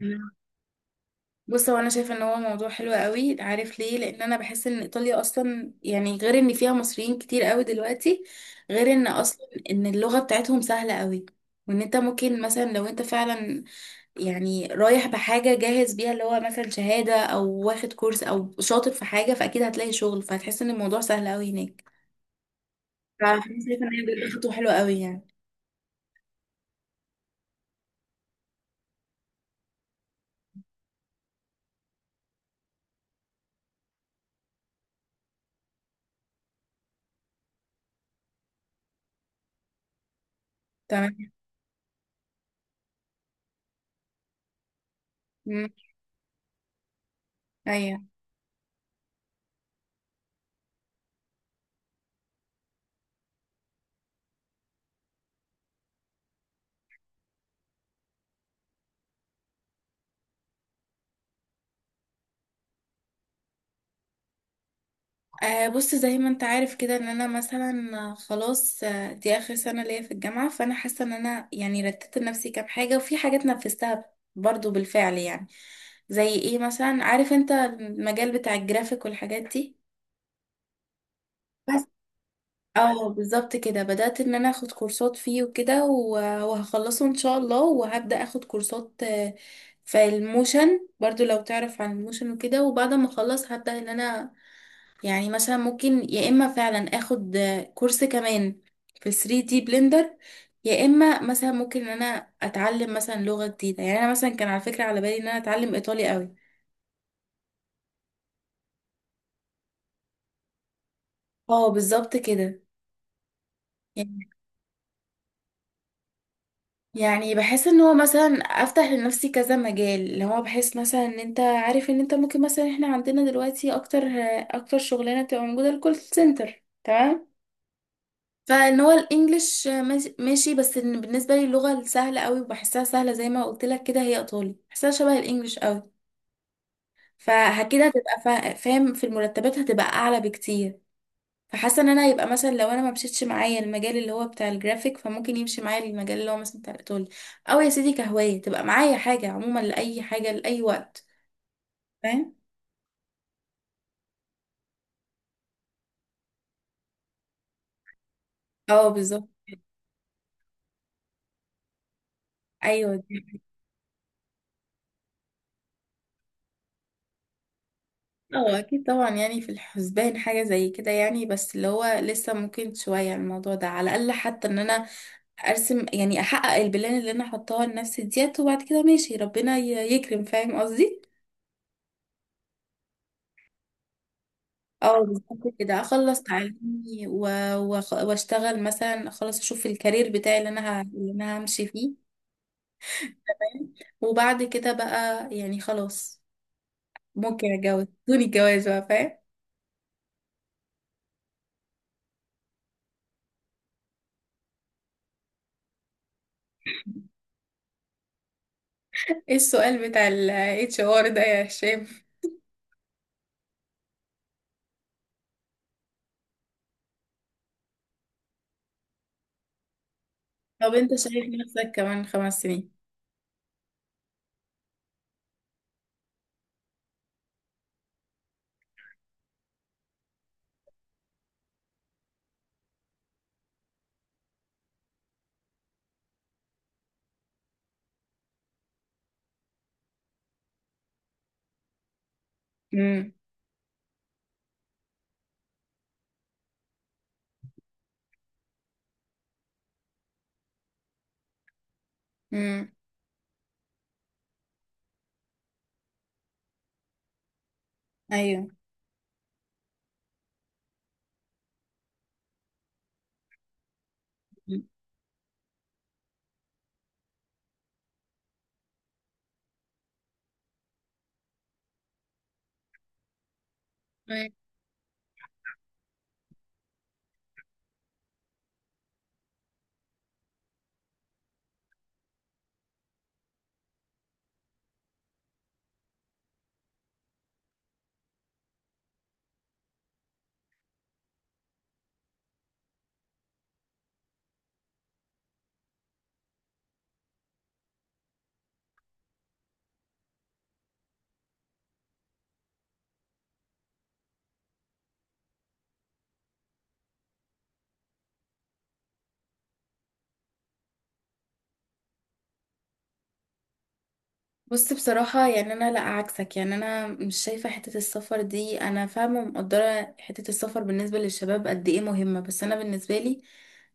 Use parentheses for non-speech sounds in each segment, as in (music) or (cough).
مم. بص هو انا شايفه ان هو موضوع حلو قوي، عارف ليه؟ لان انا بحس ان ايطاليا اصلا يعني، غير ان فيها مصريين كتير قوي دلوقتي، غير ان اصلا ان اللغه بتاعتهم سهله قوي، وان انت ممكن مثلا لو انت فعلا يعني رايح بحاجة جاهز بيها، اللي هو مثلا شهادة أو واخد كورس أو شاطر في حاجة، فأكيد هتلاقي شغل، فهتحس إن الموضوع سهل أوي هناك. فأنا شايفة إن هي بجد خطوة حلوة أوي يعني. تمام. مم. أيوة. آه، بص زي ما أنت عارف كده، إن أنا مثلا خلاص، دي آخر سنة ليا في الجامعة، فأنا حاسة إن أنا يعني رتبت لنفسي كام حاجة، وفي حاجات نفذتها برضو بالفعل يعني. زي إيه مثلا؟ عارف أنت المجال بتاع الجرافيك والحاجات دي؟ بس اه، بالظبط كده، بدأت ان انا اخد كورسات فيه وكده وهخلصه ان شاء الله، وهبدأ اخد كورسات في الموشن برضو، لو تعرف عن الموشن وكده. وبعد ما اخلص هبدأ ان انا يعني مثلا ممكن يا اما فعلا اخد كورس كمان في 3D بلندر، يا اما مثلا ممكن ان انا اتعلم مثلا لغة جديدة. يعني انا مثلا كان على فكرة على بالي ان انا اتعلم ايطالي قوي. اه بالظبط كده يعني. يعني بحس ان هو مثلا افتح لنفسي كذا مجال، اللي هو بحس مثلا ان انت عارف ان انت ممكن مثلا، احنا عندنا دلوقتي اكتر شغلانه بتبقى موجوده الكول سنتر، تمام؟ فان هو الانجليش ماشي، بس إن بالنسبه لي اللغه السهله قوي وبحسها سهله، زي ما قلت لك كده، هي ايطالي، بحسها شبه الانجليش قوي. فكده هتبقى فاهم، في المرتبات هتبقى اعلى بكتير. فحاسه ان انا هيبقى مثلا لو انا ما مشيتش معايا المجال اللي هو بتاع الجرافيك، فممكن يمشي معايا المجال اللي هو مثلا بتاع الايطالي، او يا سيدي كهوايه تبقى معايا حاجه عموما لاي حاجه لاي وقت. فاهم؟ اه بالظبط. ايوه دي. اه اكيد طبعا، يعني في الحسبان حاجه زي كده يعني، بس اللي هو لسه ممكن شويه الموضوع ده، على الاقل حتى ان انا ارسم يعني، احقق البلان اللي انا حطاها لنفسي ديت، وبعد كده ماشي، ربنا يكرم، فاهم قصدي؟ اه بالظبط كده، اخلص تعليمي و واشتغل مثلا، اخلص اشوف الكارير بتاعي اللي انا اللي انا همشي فيه. فاهم؟ وبعد كده بقى يعني خلاص، ممكن اتجوز (laughs) دون الجواز بقى، فاهم؟ ايه السؤال بتاع ال HR ده يا هشام؟ طب انت شايف نفسك كمان خمس سنين؟ امم. امم. ايوه، بص بصراحة، يعني أنا لأ، عكسك، يعني أنا مش شايفة حتة السفر دي. أنا فاهمة ومقدرة حتة السفر بالنسبة للشباب قد إيه مهمة، بس أنا بالنسبة لي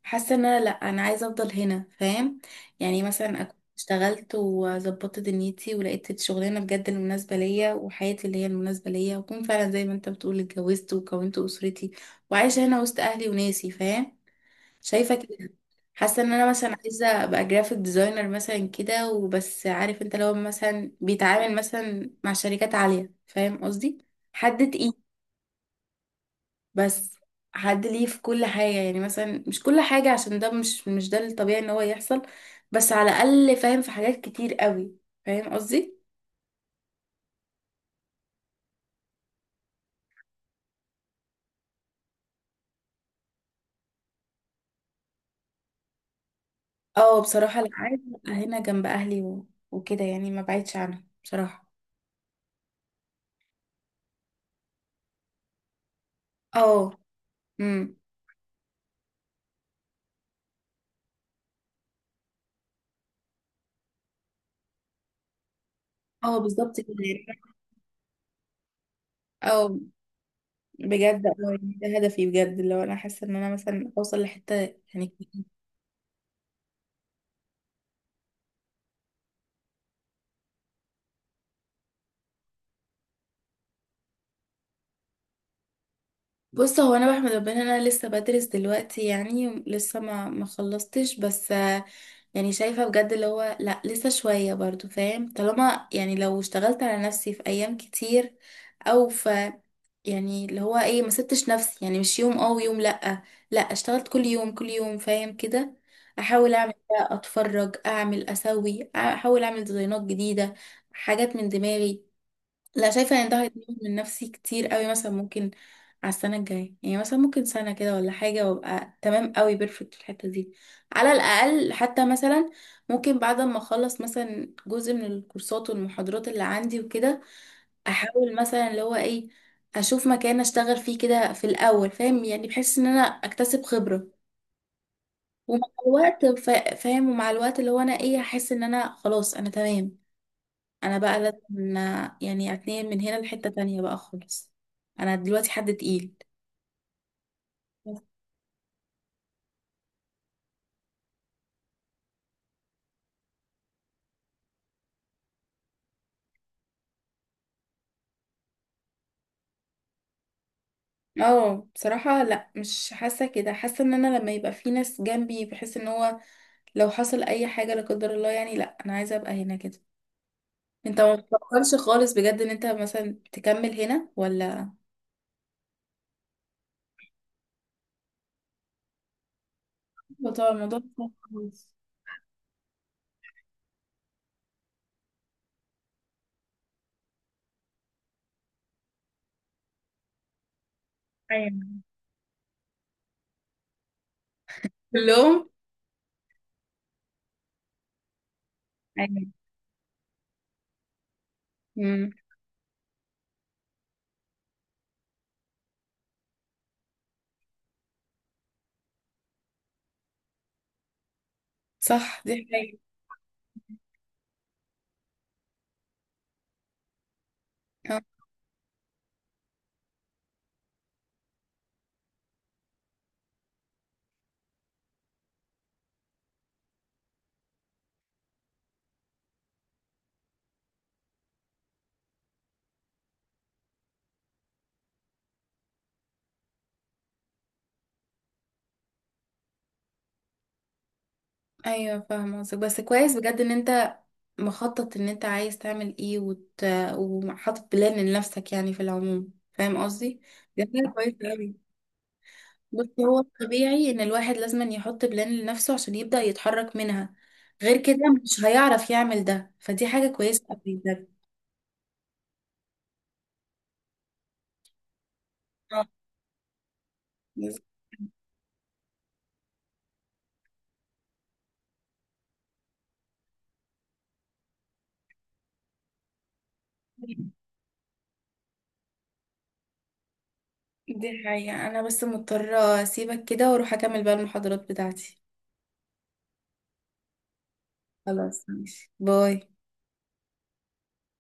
حاسة إن أنا لأ، أنا عايزة أفضل هنا، فاهم؟ يعني مثلا أكون اشتغلت وظبطت دنيتي، ولقيت الشغلانة بجد المناسبة ليا وحياتي اللي هي المناسبة ليا، وأكون فعلا زي ما أنت بتقول اتجوزت وكونت أسرتي، وعايشة هنا وسط أهلي وناسي، فاهم؟ شايفه كده. حاسه ان انا مثلا عايزه ابقى جرافيك ديزاينر مثلا كده وبس، عارف انت، لو مثلا بيتعامل مثلا مع شركات عاليه، فاهم قصدي؟ حد تقيل. بس حد ليه في كل حاجه، يعني مثلا مش كل حاجه عشان ده مش ده الطبيعي ان هو يحصل، بس على الاقل فاهم، في حاجات كتير قوي، فاهم قصدي؟ اه بصراحه لا، عايزه ابقى هنا جنب اهلي وكده، يعني ما بعيدش عنهم بصراحه. اه. امم. اه بالظبط كده يعني. اه. بجد اه. يعني ده هدفي بجد، لو انا حاسه ان انا مثلا اوصل لحته يعني. بص هو انا بحمد ربنا إن انا لسه بدرس دلوقتي، يعني لسه ما خلصتش، بس يعني شايفه بجد اللي هو لا لسه شويه برضو، فاهم؟ طالما يعني لو اشتغلت على نفسي في ايام كتير، او في يعني اللي هو ايه، ما سبتش نفسي، يعني مش يوم اه ويوم لا، لا اشتغلت كل يوم، كل يوم، فاهم كده؟ احاول اعمل ده، اتفرج، اعمل اسوي، احاول اعمل ديزاينات جديده، حاجات من دماغي، لا شايفة ان ده هيطور من نفسي كتير قوي. مثلا ممكن على السنة الجاية، يعني مثلا ممكن سنة كده ولا حاجة، وابقى تمام قوي، بيرفكت في الحتة دي. على الأقل حتى مثلا ممكن بعد ما اخلص مثلا جزء من الكورسات والمحاضرات اللي عندي وكده، احاول مثلا اللي هو ايه، اشوف مكان اشتغل فيه كده في الأول، فاهم؟ يعني بحس ان انا اكتسب خبرة، ومع الوقت فاهم، ومع الوقت اللي هو انا ايه، احس ان انا خلاص انا تمام، انا بقى لازم يعني اتنقل من هنا لحتة تانية بقى خالص، انا دلوقتي حد تقيل. اه بصراحة لا، مش حاسة كده، حاسة ان انا لما يبقى في ناس جنبي، بحس ان هو لو حصل اي حاجة لا قدر الله، يعني لا، انا عايزة ابقى هنا كده. انت ما بتفكرش خالص بجد ان انت مثلا تكمل هنا ولا؟ أيوة طبعا، الموضوع صعب خالص. ايوه كلهم. ايوه. امم. صح، دي حقيقة. ايوه فاهمه قصدك، بس كويس بجد ان انت مخطط ان انت عايز تعمل ايه وحاطط بلان لنفسك يعني في العموم، فاهم قصدي؟ ده حاجة كويسة أوي. بس هو طبيعي ان الواحد لازم يحط بلان لنفسه عشان يبدأ يتحرك منها، غير كده مش هيعرف يعمل ده، فدي حاجة كويسة أوي بجد. آه، بس- دي حقيقة، انا بس مضطرة اسيبك كده واروح اكمل بقى المحاضرات بتاعتي. خلاص، ماشي، باي.